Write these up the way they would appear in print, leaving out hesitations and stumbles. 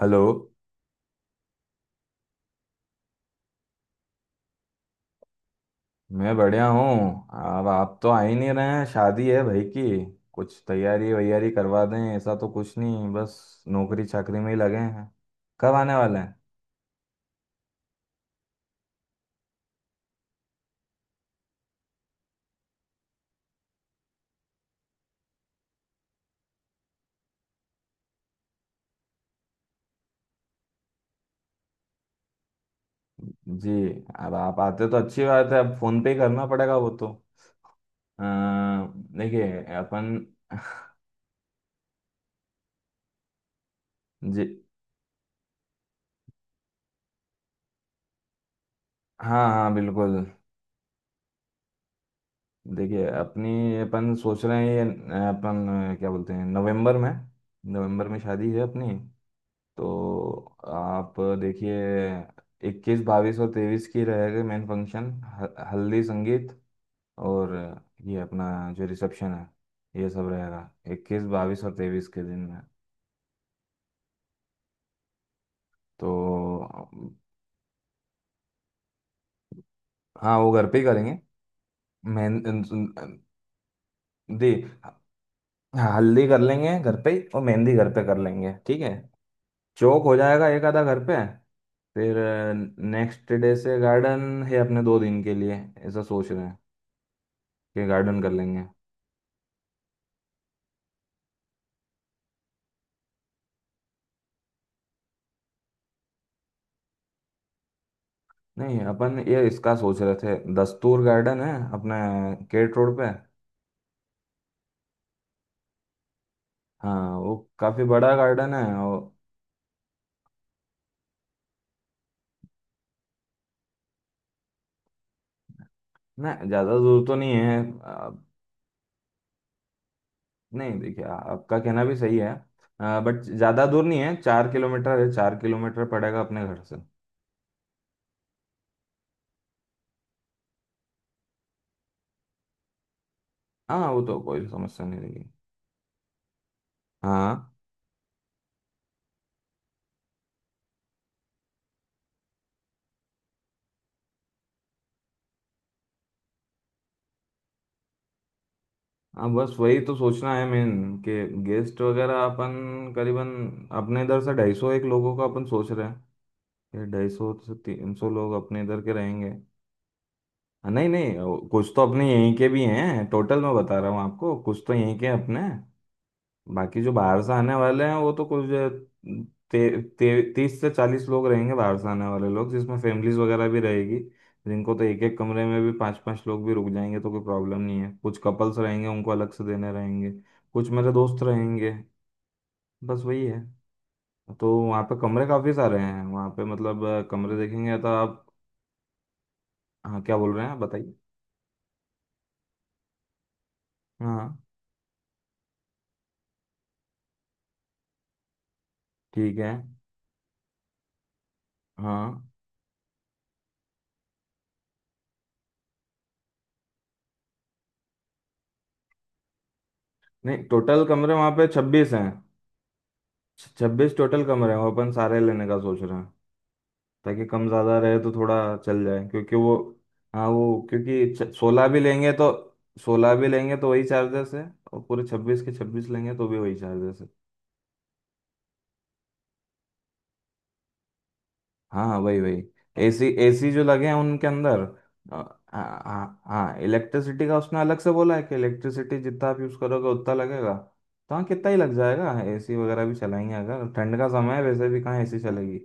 Hello. मैं बढ़िया हूँ। अब आप तो आ ही नहीं रहे हैं, शादी है भाई की। कुछ तैयारी वैयारी करवा दें, ऐसा तो कुछ नहीं, बस नौकरी चाकरी में ही लगे हैं। कब आने वाले हैं? जी। अब आप आते तो अच्छी बात है, अब फोन पे ही करना पड़ेगा वो तो। अ, देखिए अपन। जी। हाँ हाँ बिल्कुल। देखिए अपनी, अपन सोच रहे हैं ये अपन क्या बोलते हैं, नवंबर में। नवंबर में शादी है अपनी। तो आप देखिए, 21, 22 और 23 की रहेगा मेन फंक्शन। हल्दी संगीत, और ये अपना जो रिसेप्शन है, ये सब रहेगा 21, 22 और 23 के दिन में। तो हाँ, वो घर पे ही करेंगे, मेहंदी। हाँ हल्दी कर लेंगे घर पे ही, और मेहंदी घर पे कर लेंगे, ठीक है। चौक हो जाएगा एक आधा घर पे, फिर नेक्स्ट डे से गार्डन है अपने 2 दिन के लिए। ऐसा सोच रहे हैं कि गार्डन कर लेंगे। नहीं अपन ये इसका सोच रहे थे, दस्तूर गार्डन है अपने केट रोड पे। हाँ वो काफी बड़ा गार्डन है। और ना, ज्यादा दूर तो नहीं है। आ, नहीं देखिए, आपका कहना भी सही है। बट ज्यादा दूर नहीं है, 4 किलोमीटर है, चार किलोमीटर पड़ेगा अपने घर से। हाँ वो तो कोई समस्या नहीं रहेगी। हाँ। हाँ बस वही तो सोचना है मेन, कि गेस्ट वगैरह अपन करीबन अपने इधर से 250 एक लोगों का अपन सोच रहे हैं। 250 से 300 लोग अपने इधर के रहेंगे। हाँ, नहीं नहीं, वो कुछ तो अपने यहीं के भी हैं, टोटल मैं बता रहा हूँ आपको, कुछ तो यहीं के हैं अपने। बाकी जो बाहर से आने वाले हैं, वो तो कुछ ते, ते, 30 से 40 लोग रहेंगे बाहर से आने वाले लोग, जिसमें फैमिलीज वगैरह भी रहेगी। जिनको तो एक एक कमरे में भी पांच पांच लोग भी रुक जाएंगे तो कोई प्रॉब्लम नहीं है। कुछ कपल्स रहेंगे, उनको अलग से देने रहेंगे। कुछ मेरे दोस्त रहेंगे, बस वही है। तो वहाँ पे कमरे काफ़ी सारे हैं वहाँ पे, मतलब कमरे देखेंगे तो आप। हाँ क्या बोल रहे हैं आप बताइए। हाँ। ठीक है। हाँ। नहीं टोटल कमरे वहाँ पे 26 हैं। छब्बीस टोटल कमरे हैं, वो अपन सारे लेने का सोच रहे हैं, ताकि कम ज़्यादा रहे तो थोड़ा चल जाए, क्योंकि वो। हाँ वो क्योंकि 16 भी लेंगे तो वही चार्जेस है, और पूरे 26 के 26 लेंगे तो भी वही चार्जेस है। हाँ हाँ, वही वही। एसी एसी जो लगे हैं उनके अंदर। अ, हाँ हाँ हाँ, इलेक्ट्रिसिटी का उसने अलग से बोला है कि इलेक्ट्रिसिटी जितना आप यूज़ करोगे उतना लगेगा। तो हाँ कितना ही लग जाएगा, एसी वगैरह भी चलाएंगे अगर। ठंड का समय है, वैसे भी कहाँ एसी चलेगी।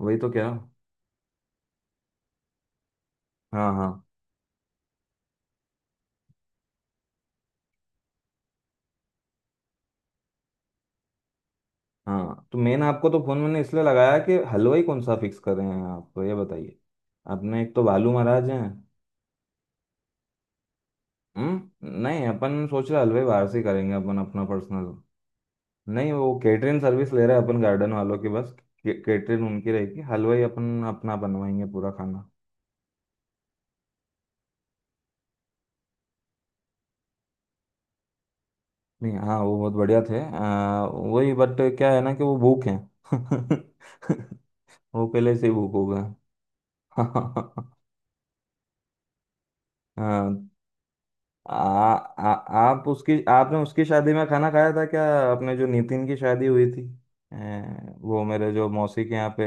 वही तो क्या। हाँ हाँ। हाँ तो मेन आपको तो फोन मैंने इसलिए लगाया कि हलवाई कौन सा फिक्स कर रहे हैं आप, तो ये बताइए। अपने एक तो बालू महाराज हैं। हम्म। नहीं अपन सोच रहे हलवाई बाहर से ही करेंगे अपन अपना पर्सनल। नहीं वो केटरिंग सर्विस ले रहे हैं अपन गार्डन वालों की बस। केटरिंग उनकी रहेगी, हलवाई अपन अपना बनवाएंगे पूरा खाना। नहीं हाँ वो बहुत बढ़िया थे। वही, बट क्या है ना कि वो भूख हैं। वो पहले से ही भूख होगा। हाँ। आ, आ, आप उसकी, आपने उसकी शादी में खाना खाया था क्या, अपने जो नितिन की शादी हुई थी? वो मेरे जो मौसी के यहाँ पे,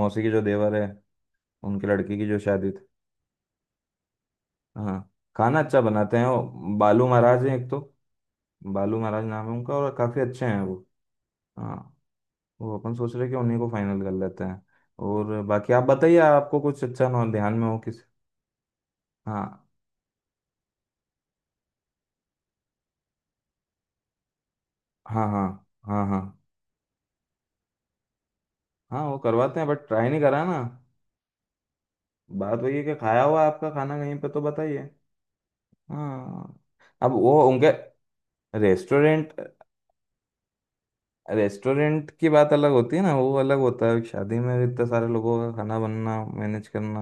मौसी के जो देवर है, उनकी लड़की की जो शादी थी। हाँ खाना अच्छा बनाते हैं वो। बालू महाराज हैं एक तो, बालू महाराज नाम है उनका, और काफ़ी अच्छे हैं वो। हाँ। वो अपन सोच रहे कि उन्हीं को फाइनल कर लेते हैं, और बाकी आप बताइए, आपको कुछ अच्छा ना ध्यान में हो किसी। हाँ हाँ। हाँ हाँ। हाँ हाँ। वो करवाते हैं बट ट्राई नहीं करा ना। बात वही है कि खाया हुआ आपका खाना कहीं पे, तो बताइए। हाँ। अब वो उनके रेस्टोरेंट रेस्टोरेंट की बात अलग होती है ना, वो अलग होता है। शादी में इतने सारे लोगों का खाना बनना, मैनेज करना,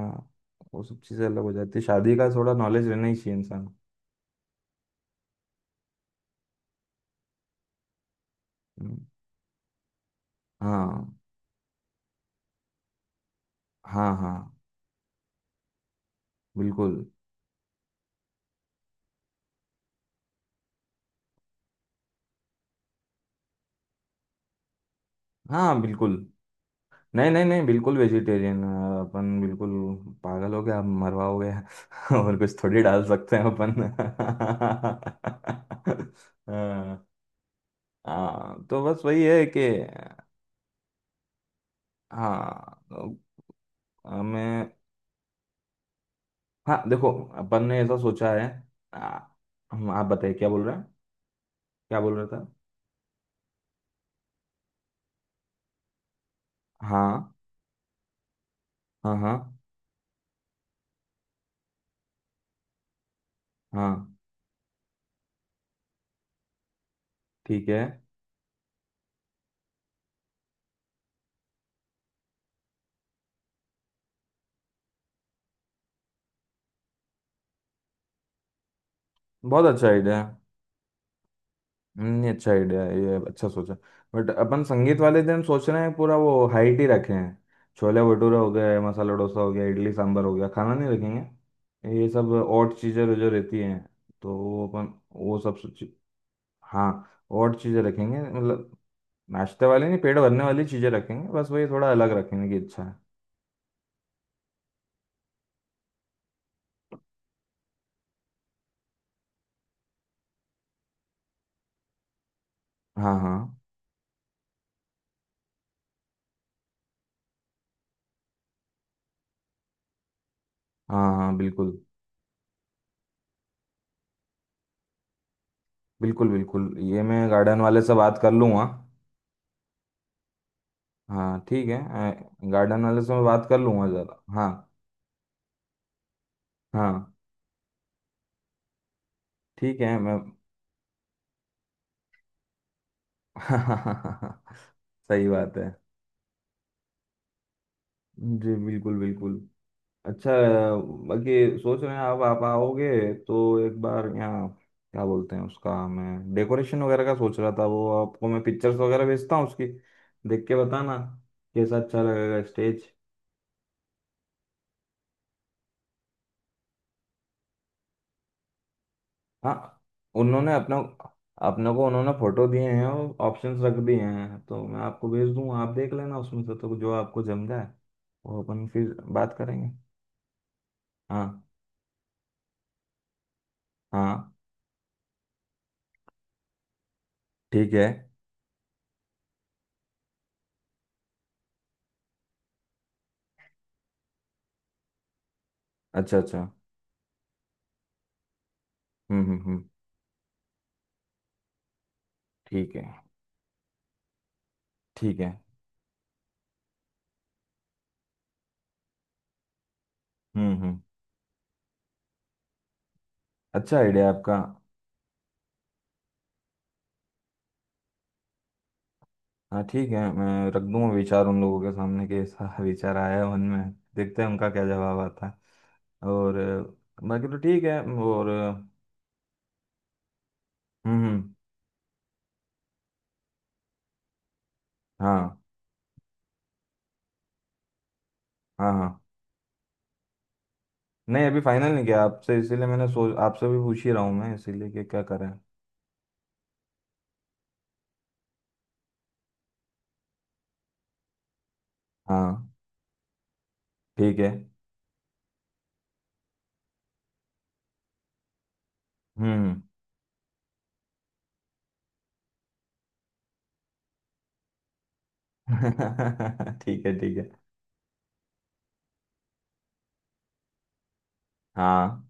वो सब चीज़ें अलग हो जाती है। शादी का थोड़ा नॉलेज रहना ही चाहिए इंसान। हम्म, हाँ हाँ। हाँ बिल्कुल। हाँ बिल्कुल। नहीं नहीं नहीं बिल्कुल वेजिटेरियन। अपन बिल्कुल पागल हो गया, आप मरवाओगे? और कुछ थोड़ी डाल सकते हैं अपन। हाँ। हाँ तो बस वही है कि हाँ, तो हमें। हाँ देखो अपन ने ऐसा सोचा है, आ, हम, आप बताइए क्या बोल रहे हैं, क्या बोल रहे था। हाँ। हाँ हाँ। हाँ ठीक है। बहुत अच्छा आइडिया है। नहीं अच्छा आइडिया है ये, अच्छा सोचा। बट अपन संगीत वाले दिन सोच रहे हैं पूरा वो हाइट ही रखे हैं। छोले भटूरे हो गए, मसाला डोसा हो गया, इडली सांभर हो गया, खाना नहीं रखेंगे, ये सब और चीज़ें जो रहती हैं। तो वो अपन, वो सब, हाँ, और चीज़ें रखेंगे मतलब नाश्ते वाले, नहीं पेट भरने वाली चीज़ें रखेंगे, बस वही थोड़ा अलग रखेंगे, कि अच्छा है। हाँ हाँ। हाँ हाँ बिल्कुल बिल्कुल बिल्कुल। ये मैं गार्डन वाले से बात कर लूँगा। हाँ ठीक है। गार्डन वाले से मैं बात कर लूँगा ज़रा, हाँ। हाँ ठीक है मैं। सही बात है। जी बिल्कुल बिल्कुल। अच्छा, बाकी सोच रहे हैं अब आप आओगे तो एक बार यहाँ, क्या बोलते हैं, उसका मैं डेकोरेशन वगैरह का सोच रहा था, वो आपको मैं पिक्चर्स वगैरह भेजता हूँ उसकी, देख के बताना कैसा अच्छा लगेगा स्टेज। हाँ उन्होंने अपना, अपने को उन्होंने फोटो दिए हैं और ऑप्शंस रख दिए हैं, तो मैं आपको भेज दूंगा, आप देख लेना उसमें से, तो जो आपको जम जाए, वो अपन फिर बात करेंगे। हाँ हाँ ठीक है। अच्छा अच्छा। हम्म। ठीक है ठीक है। हम्म। अच्छा आइडिया आपका। हाँ ठीक है, मैं रख दूंगा विचार उन लोगों के सामने कि ऐसा विचार आया है मन में। देखते हैं उनका क्या जवाब आता है, और बाकी तो ठीक है। और हम्म हम्म, हाँ हाँ हाँ। नहीं अभी फाइनल नहीं किया आपसे, इसीलिए मैंने सोच आपसे भी पूछ ही रहा हूँ मैं, इसीलिए कि क्या करें। हाँ ठीक है। हम्म। ठीक है ठीक है। हाँ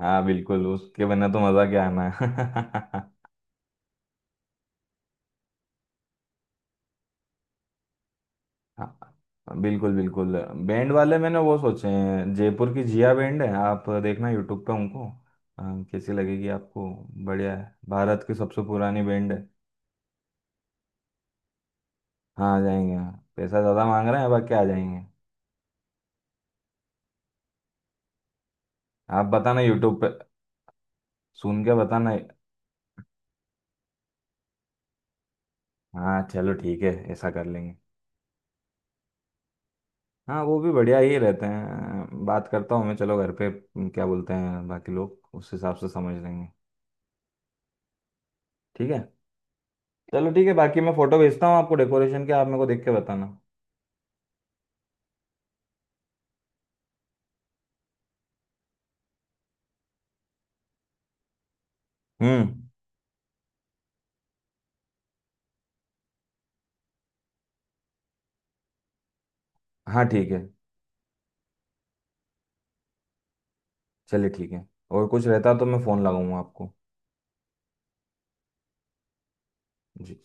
हाँ बिल्कुल, उसके बिना तो मज़ा क्या आना है। हाँ बिल्कुल बिल्कुल। बैंड वाले मैंने वो सोचे हैं, जयपुर की जिया बैंड है, आप देखना यूट्यूब पे उनको। अ, कैसी लगेगी आपको? बढ़िया है, भारत की सबसे पुरानी बैंड है। हाँ आ जाएंगे हाँ। पैसा ज़्यादा मांग रहे हैं बाकी आ जाएंगे। आप बताना यूट्यूब पे, सुन के बताना। हाँ चलो ठीक है, ऐसा कर लेंगे। हाँ वो भी बढ़िया ही रहते हैं, बात करता हूँ मैं चलो घर पे। क्या बोलते हैं बाकी लोग, उस हिसाब से समझ लेंगे। ठीक है। चलो ठीक है, बाकी मैं फोटो भेजता हूँ आपको डेकोरेशन के, आप मेरे को देख के बताना। हम्म। हाँ ठीक है। चलिए ठीक है, और कुछ रहता तो मैं फ़ोन लगाऊंगा आपको। जी।